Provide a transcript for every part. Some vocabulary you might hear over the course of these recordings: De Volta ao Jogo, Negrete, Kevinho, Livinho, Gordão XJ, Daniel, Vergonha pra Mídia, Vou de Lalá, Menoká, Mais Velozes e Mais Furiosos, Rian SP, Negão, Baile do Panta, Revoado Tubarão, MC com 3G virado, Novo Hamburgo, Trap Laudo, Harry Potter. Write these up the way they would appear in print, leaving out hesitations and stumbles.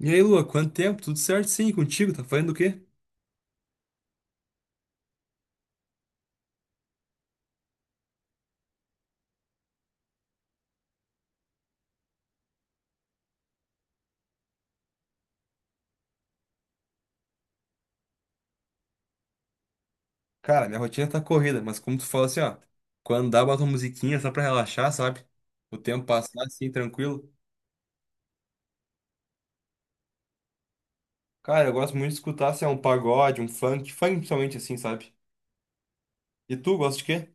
E aí, Lua, quanto tempo? Tudo certo? Sim, e contigo? Tá fazendo o quê? Cara, minha rotina tá corrida, mas como tu fala assim, ó, quando dá, bota uma musiquinha só pra relaxar, sabe? O tempo passar assim, tranquilo. Cara, eu gosto muito de escutar, se é um pagode, um funk, funk principalmente assim, sabe? E tu, gosta de quê?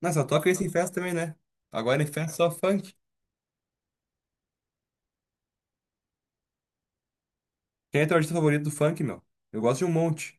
Não, só toca isso em festa também, né? Agora em festa é só funk. Quem é teu artista favorito do funk, meu? Eu gosto de um monte.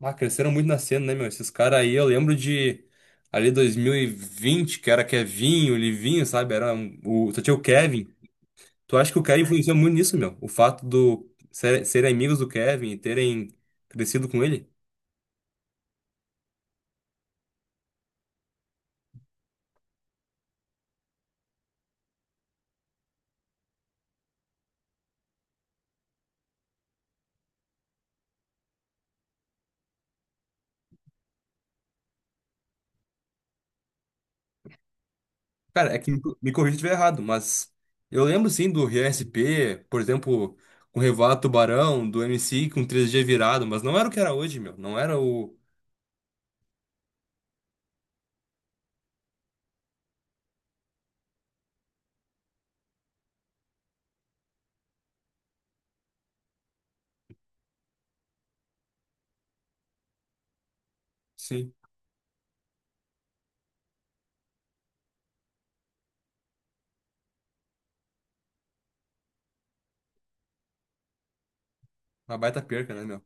Ah, cresceram muito na cena, né, meu? Esses caras aí, eu lembro de ali 2020, que era Kevinho, Livinho, sabe? Só tinha o Kevin. Tu acha que o Kevin influenciou muito nisso, meu? O fato do serem amigos do Kevin e terem crescido com ele? Cara, é que me corrija se estiver errado, mas eu lembro sim do Rian SP, por exemplo, com o Revoado Tubarão, do MC com 3G virado, mas não era o que era hoje, meu. Não era o. Sim, uma baita perca, né, meu?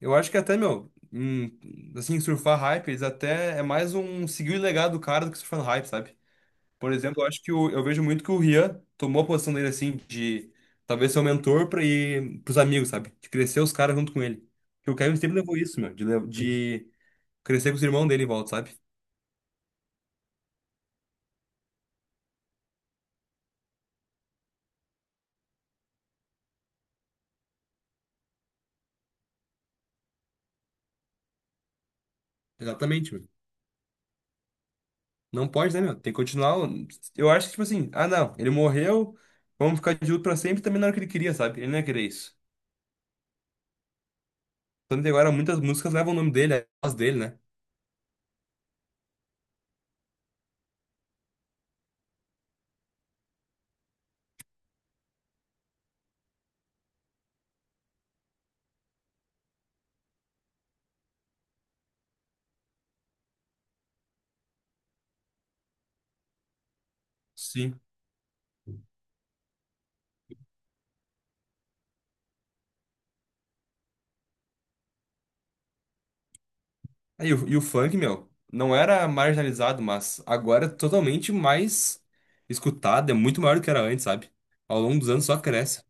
Eu acho que até, meu, assim, surfar hype, eles até é mais um seguir o legado do cara do que surfar no hype, sabe? Por exemplo, eu acho eu vejo muito que o Rian tomou a posição dele assim de talvez ser o mentor para ir pros amigos, sabe? De crescer os caras junto com ele. Porque o Kevin sempre levou isso, meu, de crescer com os irmãos dele em volta, sabe? Exatamente, meu. Não pode, né, meu? Tem que continuar. Eu acho que, tipo assim, ah, não, ele morreu, vamos ficar de luto pra sempre, também não era o que ele queria, sabe? Ele não ia querer isso. Tanto que agora muitas músicas levam o nome dele, a voz dele, né? Sim. Aí o, e o funk, meu, não era marginalizado, mas agora é totalmente mais escutado, é muito maior do que era antes, sabe? Ao longo dos anos só cresce.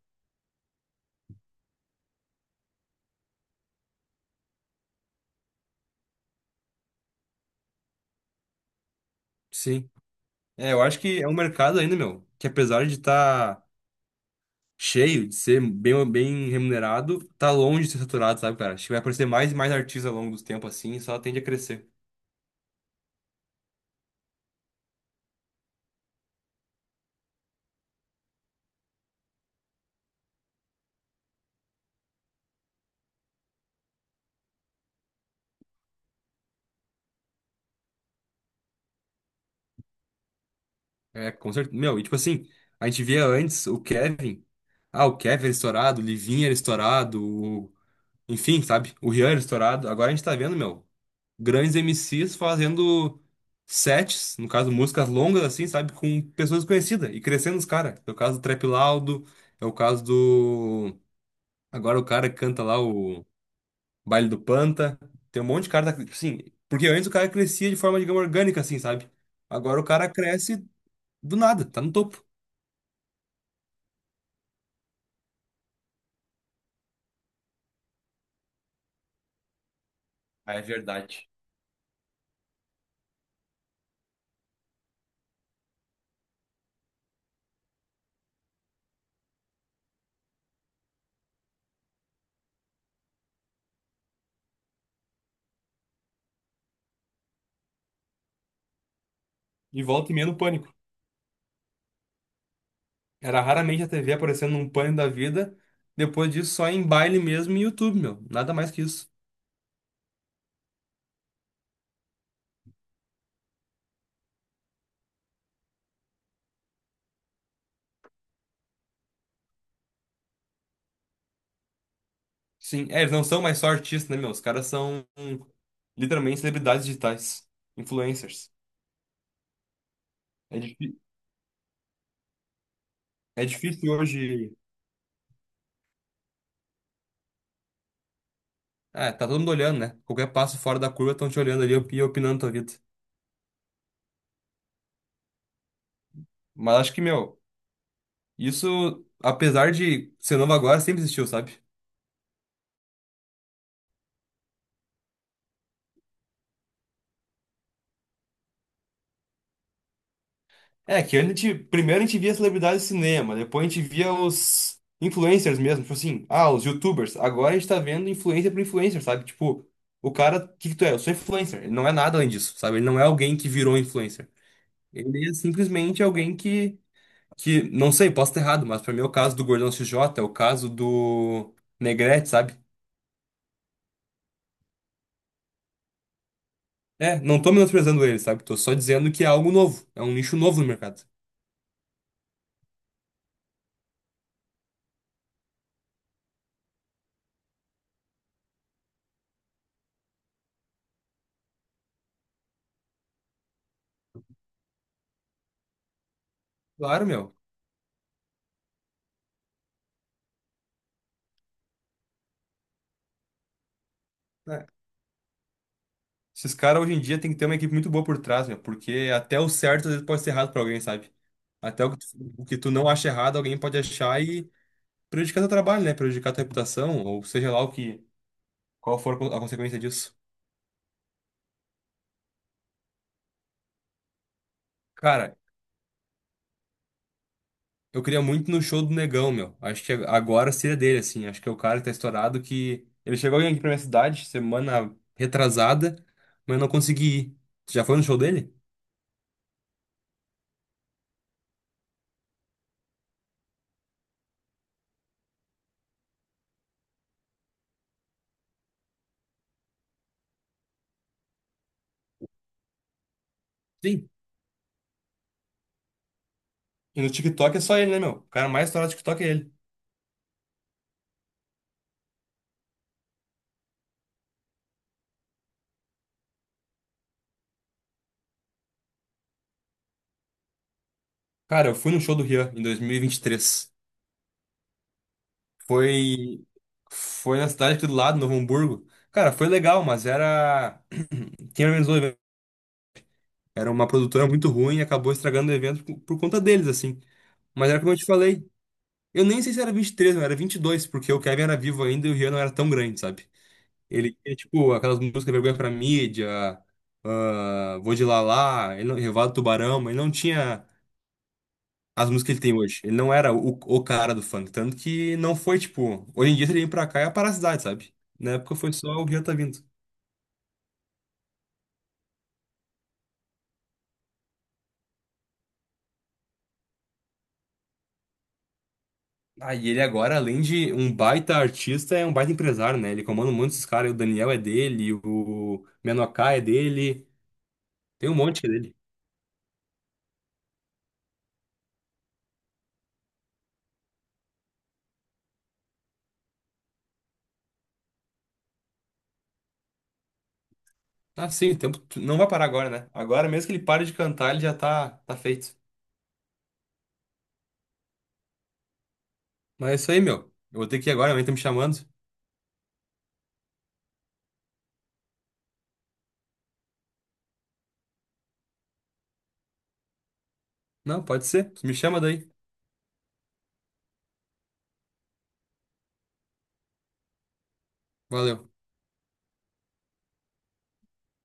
Sim. É, eu acho que é um mercado ainda, meu, que apesar de estar cheio, de ser bem, bem remunerado, tá longe de ser saturado, sabe, cara? Acho que vai aparecer mais e mais artistas ao longo dos tempos assim, e só tende a crescer. É, com certeza. Meu, e tipo assim, a gente via antes o Kevin. Ah, o Kevin era estourado, o Livinho era estourado, o... enfim, sabe? O Rian era estourado. Agora a gente tá vendo, meu, grandes MCs fazendo sets, no caso, músicas longas, assim, sabe? Com pessoas conhecidas e crescendo os caras. É o caso do Trap Laudo, é o caso do. Agora o cara que canta lá o Baile do Panta. Tem um monte de cara, da- assim, porque antes o cara crescia de forma, digamos, orgânica, assim, sabe? Agora o cara cresce do nada, tá no topo. Ah, é verdade. E volta e meia no pânico. Era raramente a TV aparecendo num pânico da vida. Depois disso, só em baile mesmo e YouTube, meu. Nada mais que isso. Sim, é, eles não são mais só artistas, né, meu? Os caras são literalmente celebridades digitais, influencers. É, é difícil hoje. É, tá todo mundo olhando, né? Qualquer passo fora da curva estão te olhando ali e opinando tua vida. Mas acho que, meu, isso, apesar de ser novo agora, sempre existiu, sabe? É, que a gente, primeiro a gente via celebridades de cinema, depois a gente via os influencers mesmo, tipo assim, ah, os YouTubers. Agora a gente tá vendo influencer por influencer, sabe? Tipo, o cara, o que que tu é? Eu sou influencer. Ele não é nada além disso, sabe? Ele não é alguém que virou influencer. Ele é simplesmente alguém que não sei, posso estar errado, mas pra mim é o caso do Gordão XJ, é o caso do Negrete, sabe? É, não tô menosprezando ele, sabe? Tô só dizendo que é algo novo, é um nicho novo no mercado. Claro, meu. É. Esses caras hoje em dia tem que ter uma equipe muito boa por trás, meu, porque até o certo às vezes pode ser errado pra alguém, sabe? Até o que tu não acha errado, alguém pode achar e prejudicar teu trabalho, né? Prejudicar tua reputação, ou seja lá o que, qual for a consequência disso. Cara, eu queria muito no show do Negão, meu. Acho que agora seria dele, assim. Acho que é o cara que tá estourado que. Ele chegou aqui pra minha cidade semana retrasada, mas eu não consegui ir. Tu já foi no show dele? Sim. E no TikTok é só ele, né, meu? O cara mais estourado do TikTok é ele. Cara, eu fui no show do Rian em dois mil e vinte e três. Foi, foi na cidade aqui do lado, Novo Hamburgo. Cara, foi legal, mas era. Quem organizou o evento? Era uma produtora muito ruim e acabou estragando o evento por conta deles, assim. Mas era como eu te falei. Eu nem sei se era 23, não, era 22, porque o Kevin era vivo ainda e o Rian não era tão grande, sabe? Ele tinha, tipo, aquelas músicas Vergonha pra Mídia, ah, Vou de Lalá, ele não- Revoada do Tubarão, mas ele não tinha as músicas que ele tem hoje. Ele não era o cara do funk, tanto que não foi, tipo, hoje em dia se ele vem pra cá é a parasitade, sabe? Na época foi só o que já tá vindo. Ah, e ele agora, além de um baita artista, é um baita empresário, né? Ele comanda um monte desses caras, o Daniel é dele, o Menoká é dele, tem um monte que é dele. Ah, sim, o tempo não vai parar agora, né? Agora mesmo que ele pare de cantar, ele já tá, tá feito. Mas é isso aí, meu. Eu vou ter que ir agora, a mãe tá me chamando. Não, pode ser. Me chama daí. Valeu.